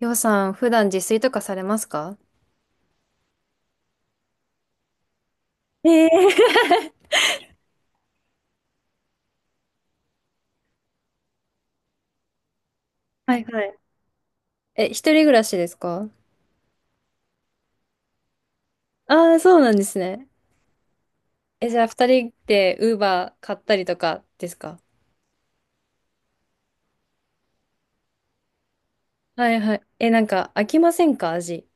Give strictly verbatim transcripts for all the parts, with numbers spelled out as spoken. りょうさん、普段自炊とかされますか？ええ。 はいはい。え、一人暮らしですか？ああー、そうなんですね。え、じゃあ二人でウーバー買ったりとかですか？はいはい。え、なんか飽きませんか、味。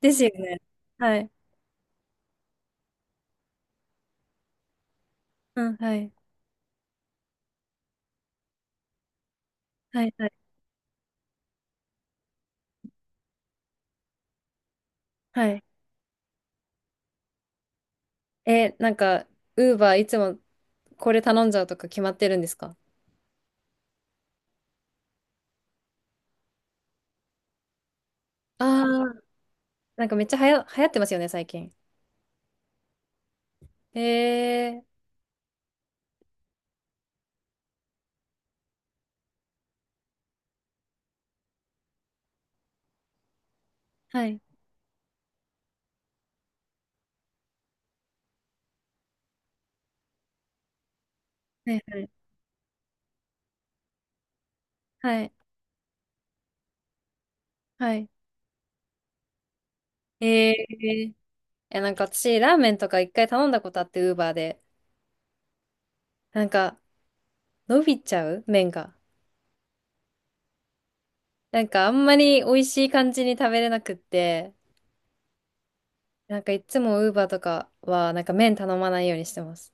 ですよね。はい。うん、はい。はいはい。はい。え、なんか、ウーバーいつもこれ頼んじゃうとか決まってるんですか？ああー、なんかめっちゃはや、流行ってますよね、最近。えー、はい。はいはい。はい。はい。えー。え、なんか私、ラーメンとか一回頼んだことあって、ウーバーで。なんか、伸びちゃう麺が。なんか、あんまり美味しい感じに食べれなくって、なんかいつもウーバーとかは、なんか麺頼まないようにしてます。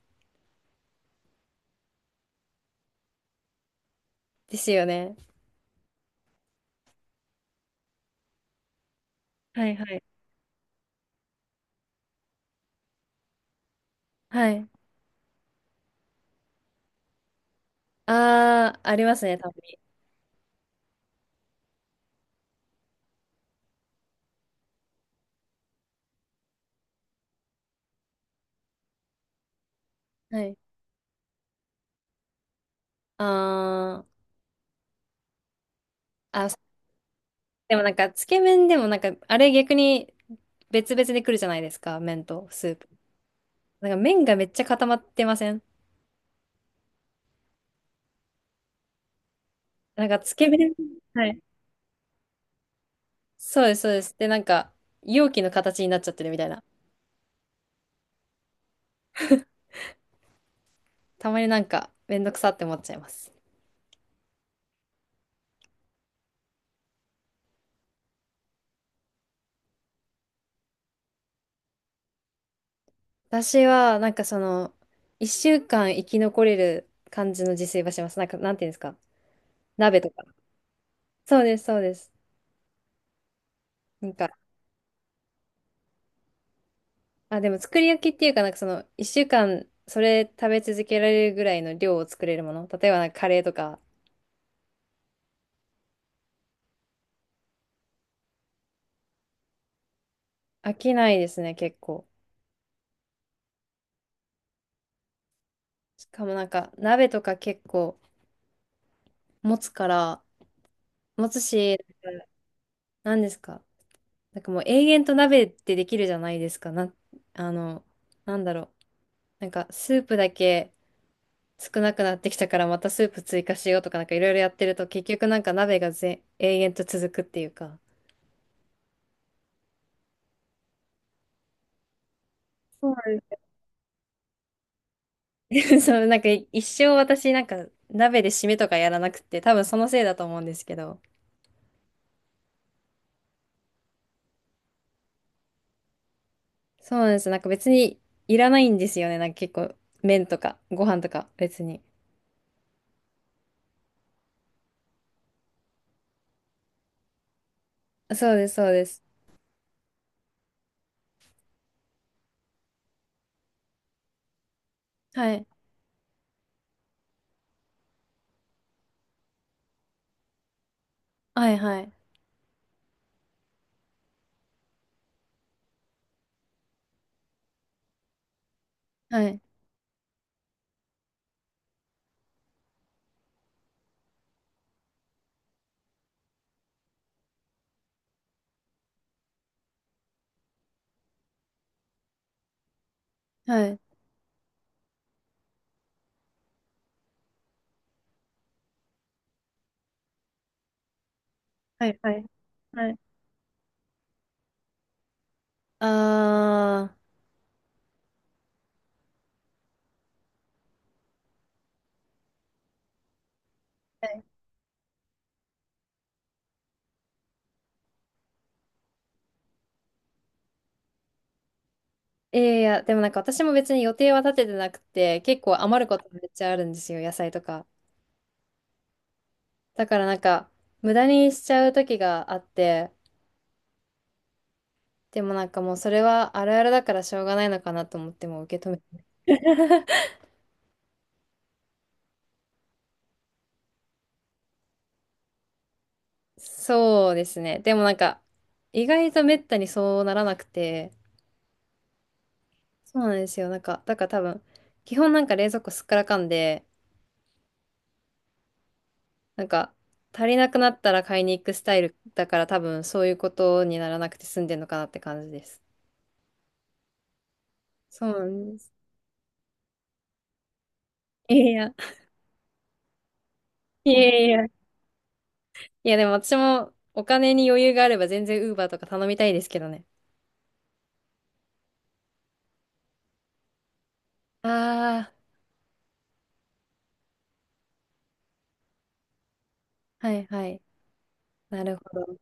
ですよね。はいはい。はい。あー、ありますね、たまに。はい。あー、あ、でもなんか、つけ麺でもなんか、あれ逆に別々で来るじゃないですか、麺とスープ。なんか麺がめっちゃ固まってませんなんか、つけ麺。はい。そうです、そうです。で、なんか、容器の形になっちゃってるみたいな。たまになんか、めんどくさって思っちゃいます。私は、なんかその、一週間生き残れる感じの自炊はします。なんか、なんていうんですか。鍋とか。そうです、そうです。なんか、あ、でも作り置きっていうか、なんかその、一週間、それ食べ続けられるぐらいの量を作れるもの。例えば、なんかカレーとか。飽きないですね、結構。しかもなんか、鍋とか結構、持つから、持つし、なんですか。なんかもう永遠と鍋ってできるじゃないですか。な、あの、なんだろう。なんかスープだけ少なくなってきたからまたスープ追加しようとかなんかいろいろやってると結局なんか鍋がぜ、永遠と続くっていうか。そうなんです。 そう、なんか一生私なんか鍋で締めとかやらなくて多分そのせいだと思うんですけど。そうなんです。なんか別にいらないんですよね。なんか結構麺とかご飯とか別に。そうです、そうです。はい。はいはい。はい。はい。はいはい。はい。ああ、はい。いやいや、でもなんか私も別に予定は立ててなくて、結構余ることめっちゃあるんですよ、野菜とか。だからなんか、無駄にしちゃう時があって、でもなんかもうそれはあるあるだからしょうがないのかなと思ってもう受け止めて。そうですね。でもなんか、意外とめったにそうならなくて、そうなんですよ。なんか、だから多分、基本なんか冷蔵庫すっからかんで、なんか、足りなくなったら買いに行くスタイルだから多分そういうことにならなくて済んでるのかなって感じです。そうなんです。いやいや、いやいや。いやでも私もお金に余裕があれば全然ウーバーとか頼みたいですけどね。ああ、はいはい。なるほど。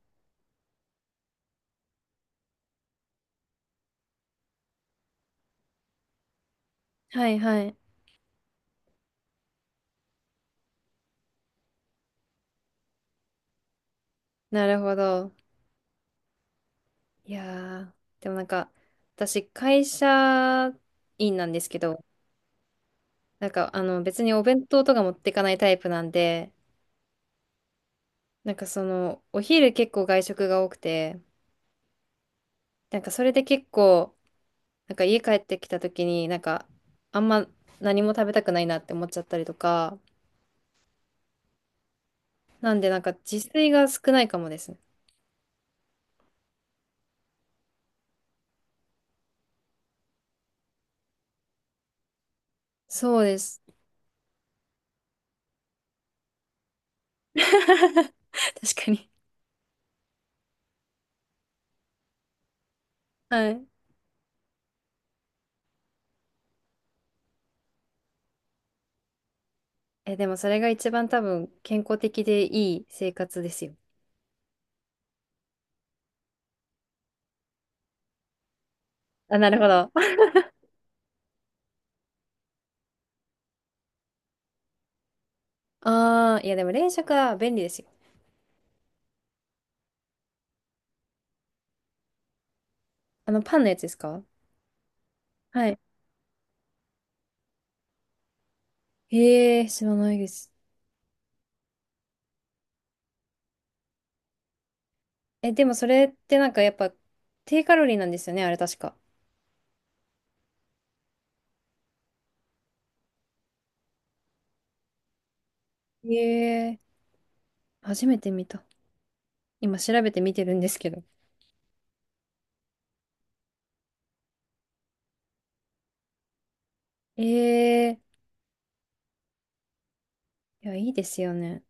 はいはい。なるほど。いやー、でもなんか、私会社員なんですけど、なんかあの別にお弁当とか持っていかないタイプなんで、なんかその、お昼結構外食が多くて、なんかそれで結構、なんか家帰ってきた時に、なんかあんま何も食べたくないなって思っちゃったりとか、なんでなんか自炊が少ないかもですね。そうです。確かに。はい。え、でもそれが一番多分健康的でいい生活ですよ。あ、なるほど。ああ、いやでも冷食は便利ですよ。あのパンのやつですか？はい。へえ、知らないです。え、でもそれってなんかやっぱ低カロリーなんですよね、あれ確か。へえ、初めて見た。今調べてみてるんですけど。ええ。いや、いいですよね。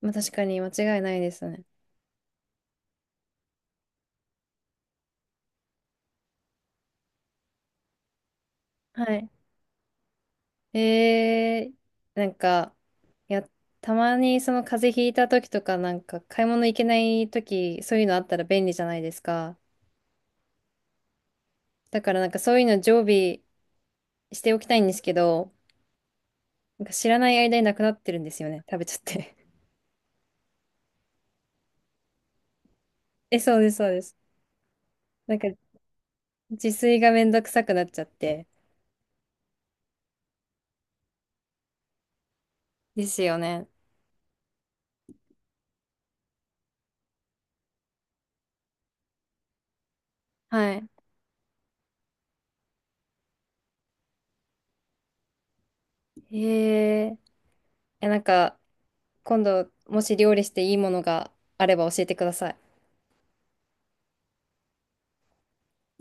まあ、確かに間違いないですね。はい。ええ。なんか、いや、たまにその風邪ひいた時とか、なんか買い物行けない時、そういうのあったら便利じゃないですか。だからなんかそういうの常備しておきたいんですけど、なんか知らない間になくなってるんですよね。食べちゃって。え、そうです、そうです。なんか自炊がめんどくさくなっちゃって。ですよね。はい。えー。え。いや、なんか、今度、もし料理していいものがあれば教えてください。